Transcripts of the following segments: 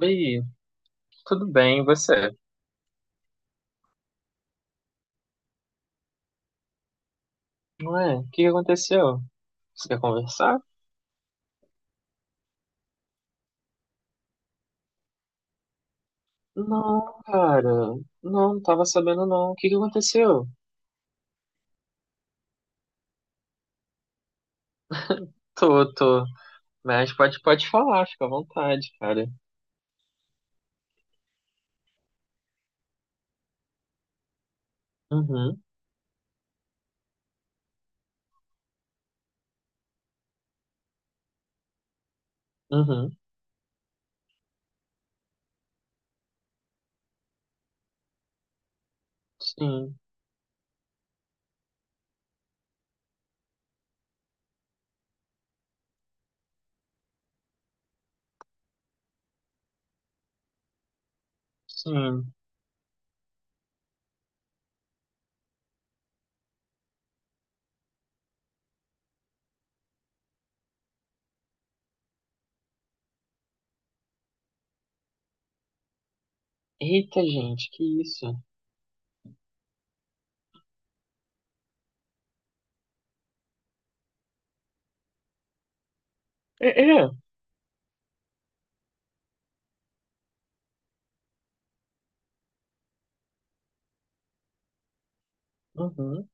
Oi, tudo bem, e você? Ué, o que que aconteceu? Você quer conversar? Não, cara, não tava sabendo não. O que que aconteceu? Tô, tô. Mas pode falar, fica à vontade, cara. Uhum, uhum, sim, sim. Eita, gente, que isso? É, é, uhum.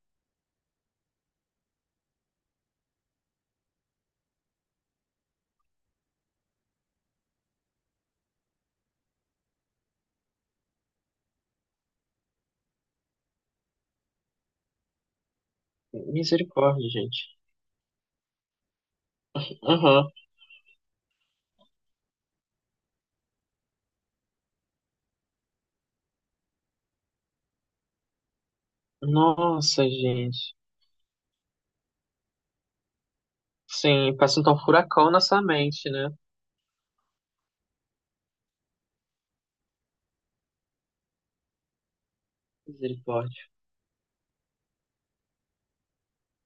Misericórdia, gente. Aham. Nossa, gente. Sim, passa então um furacão na sua mente, né? Misericórdia.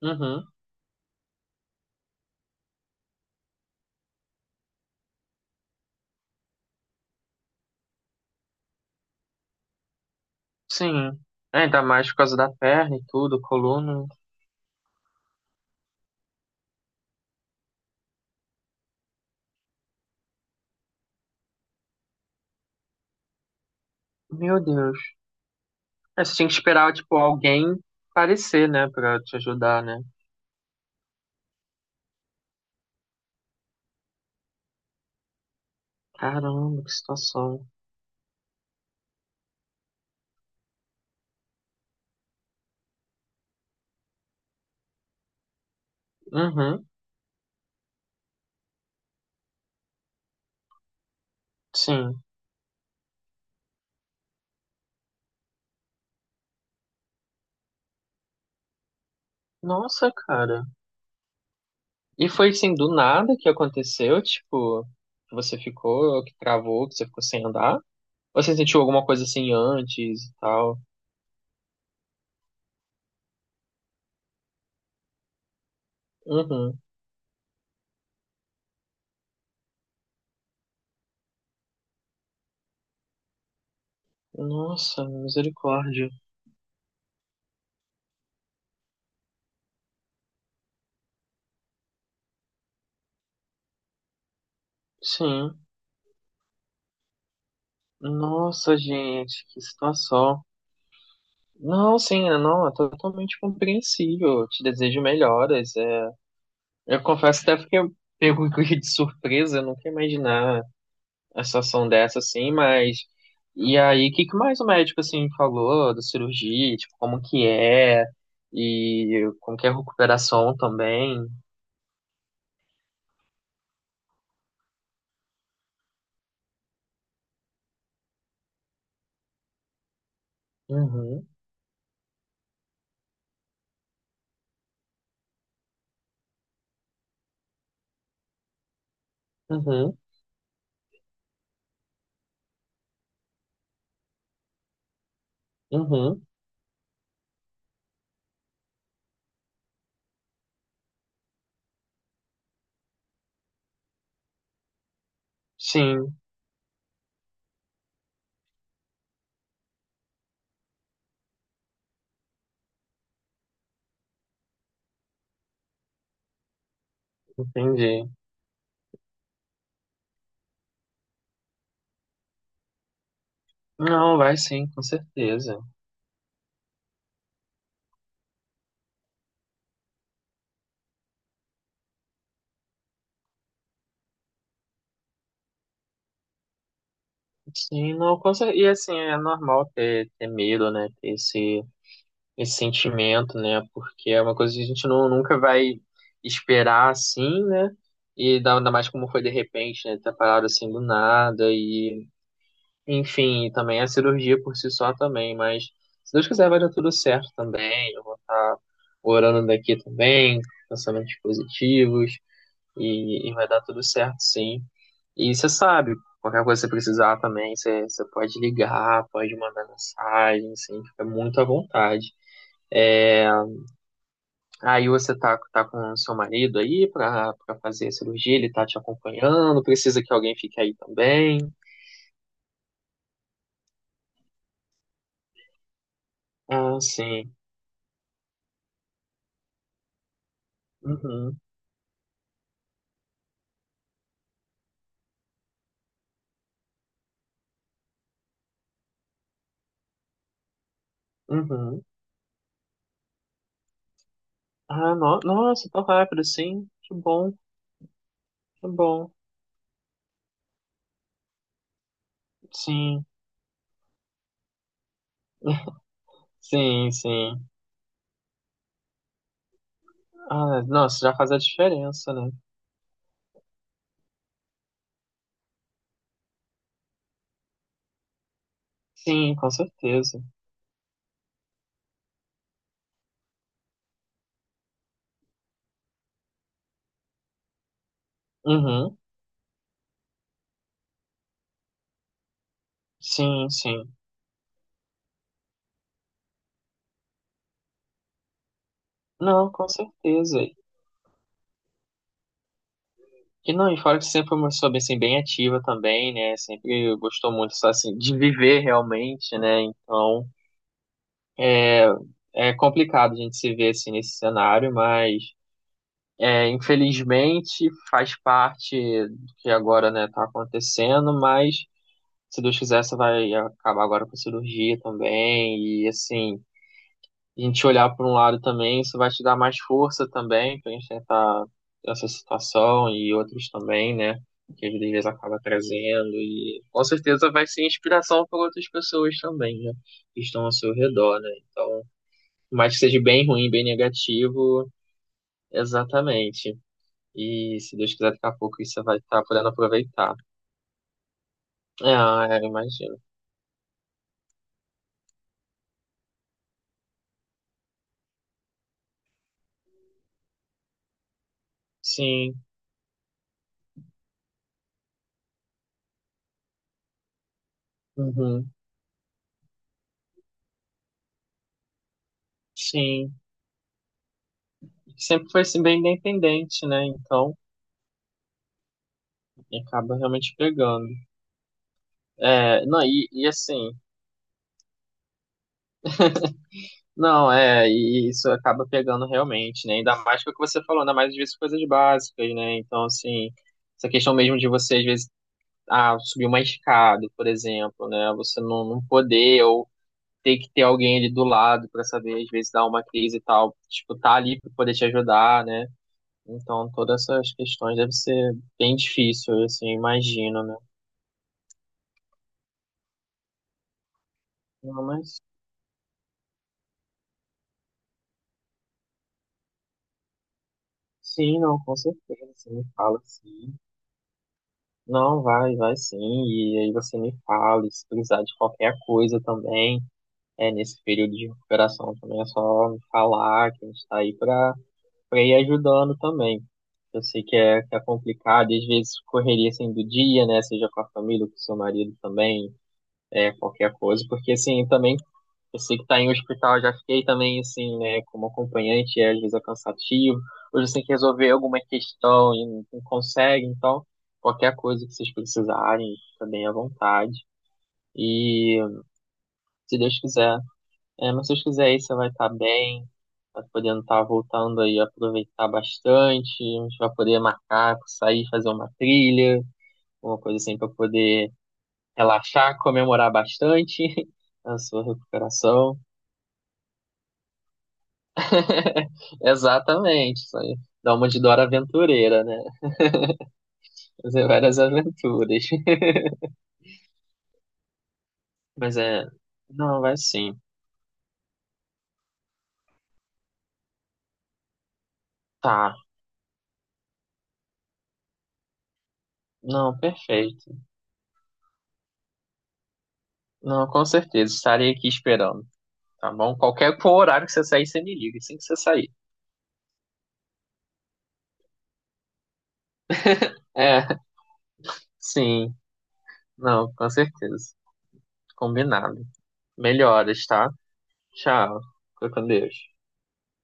Uhum. Sim. É, ainda mais por causa da perna e tudo, coluna. Meu Deus. É, você tinha que esperar, tipo, alguém aparecer, né, pra te ajudar, né? Caramba, que situação. Uhum, sim. Nossa, cara. E foi assim, do nada que aconteceu, tipo, que travou, que você ficou sem andar? Ou você sentiu alguma coisa assim antes e tal? Uhum. Nossa, misericórdia. Sim. Nossa, gente, que situação. Não, sim, não, é totalmente compreensível. Eu te desejo melhoras. É, eu confesso até porque eu pego de surpresa, eu nunca ia imaginar a situação dessa assim, mas e aí, o que que mais o médico assim falou da cirurgia, tipo, como que é e como que é a recuperação também? Uhum, uhum, uhum. Sim, entendi. Não, vai sim, com certeza. Sim, não, com cer- e assim, é normal ter medo, né? Ter esse esse sentimento, né? Porque é uma coisa que a gente não, nunca vai esperar assim, né? E dá- ainda mais como foi de repente, né? Ter parado assim do nada e, enfim, e também a cirurgia por si só também, mas se Deus quiser vai dar tudo certo também. Eu vou estar orando daqui também, pensamentos positivos e vai dar tudo certo, sim. E você sabe, qualquer coisa que você precisar também, você pode ligar, pode mandar mensagem, assim, fica muito à vontade. É, aí você tá com o seu marido aí pra fazer a cirurgia, ele tá te acompanhando, precisa que alguém fique aí também. Ah, sim. Uhum, uhum. Ah, no, nossa, tão rápido, sim. Que bom, que bom. Sim, sim, sim. Ah, nossa, já faz a diferença, né? Sim, com certeza. Uhum, sim, sim. Não, com certeza. E não, e fora que você sempre foi uma pessoa bem, assim, bem ativa também, né? Sempre gostou muito, só, assim, de viver realmente, né? Então. É, é complicado a gente se ver assim nesse cenário, mas é, infelizmente faz parte do que agora, né, tá acontecendo, mas se Deus quiser, você vai acabar agora com a cirurgia também, e assim, a gente olhar por um lado também, isso vai te dar mais força também pra gente tentar essa situação e outros também, né? Que às vezes acaba trazendo, e com certeza vai ser inspiração para outras pessoas também, né? Que estão ao seu redor, né? Então, mais que seja bem ruim, bem negativo, exatamente. E se Deus quiser, daqui a pouco isso vai estar podendo aproveitar. É, é, eu imagino. Sim, uhum, sim. Sempre foi assim, bem independente, né? Então, acaba realmente pegando. É, não, e assim, não, é, e isso acaba pegando realmente, né? Ainda mais que o que você falou, ainda mais às vezes coisas básicas, né? Então, assim, essa questão mesmo de você, às vezes, ah, subir uma escada, por exemplo, né? Você não, não poder, ou ter que ter alguém ali do lado para saber, às vezes, dar uma crise e tal, tipo, tá ali para poder te ajudar, né? Então, todas essas questões deve ser bem difícil, assim, eu assim, imagino, né? Não, mas sim, não, com certeza, você me fala sim. Não, vai, vai sim, e aí você me fala, e se precisar de qualquer coisa também, é, nesse período de recuperação também é só me falar que a gente tá aí pra para ir ajudando também. Eu sei que é complicado, e às vezes correria assim do dia, né? Seja com a família, com o seu marido também, é, qualquer coisa, porque assim, também eu sei que tá em hospital, já fiquei também assim, né, como acompanhante, e às vezes é cansativo, ou você tem que resolver alguma questão e não consegue, então qualquer coisa que vocês precisarem, fica bem à vontade. E se Deus quiser. É, mas se você fizer você vai estar bem, vai podendo estar voltando aí, aproveitar bastante, a gente vai poder marcar, sair, fazer uma trilha, uma coisa assim para poder relaxar, comemorar bastante a sua recuperação. Exatamente, isso aí. Dá uma de Dora Aventureira, né? Fazer várias aventuras. Mas é, não, vai sim. Tá, não, perfeito. Não, com certeza, estarei aqui esperando, tá bom? Qualquer horário que você sair, você me liga, assim que você sair. É, sim. Não, com certeza. Combinado. Melhoras, tá? Tchau. Fica com Deus.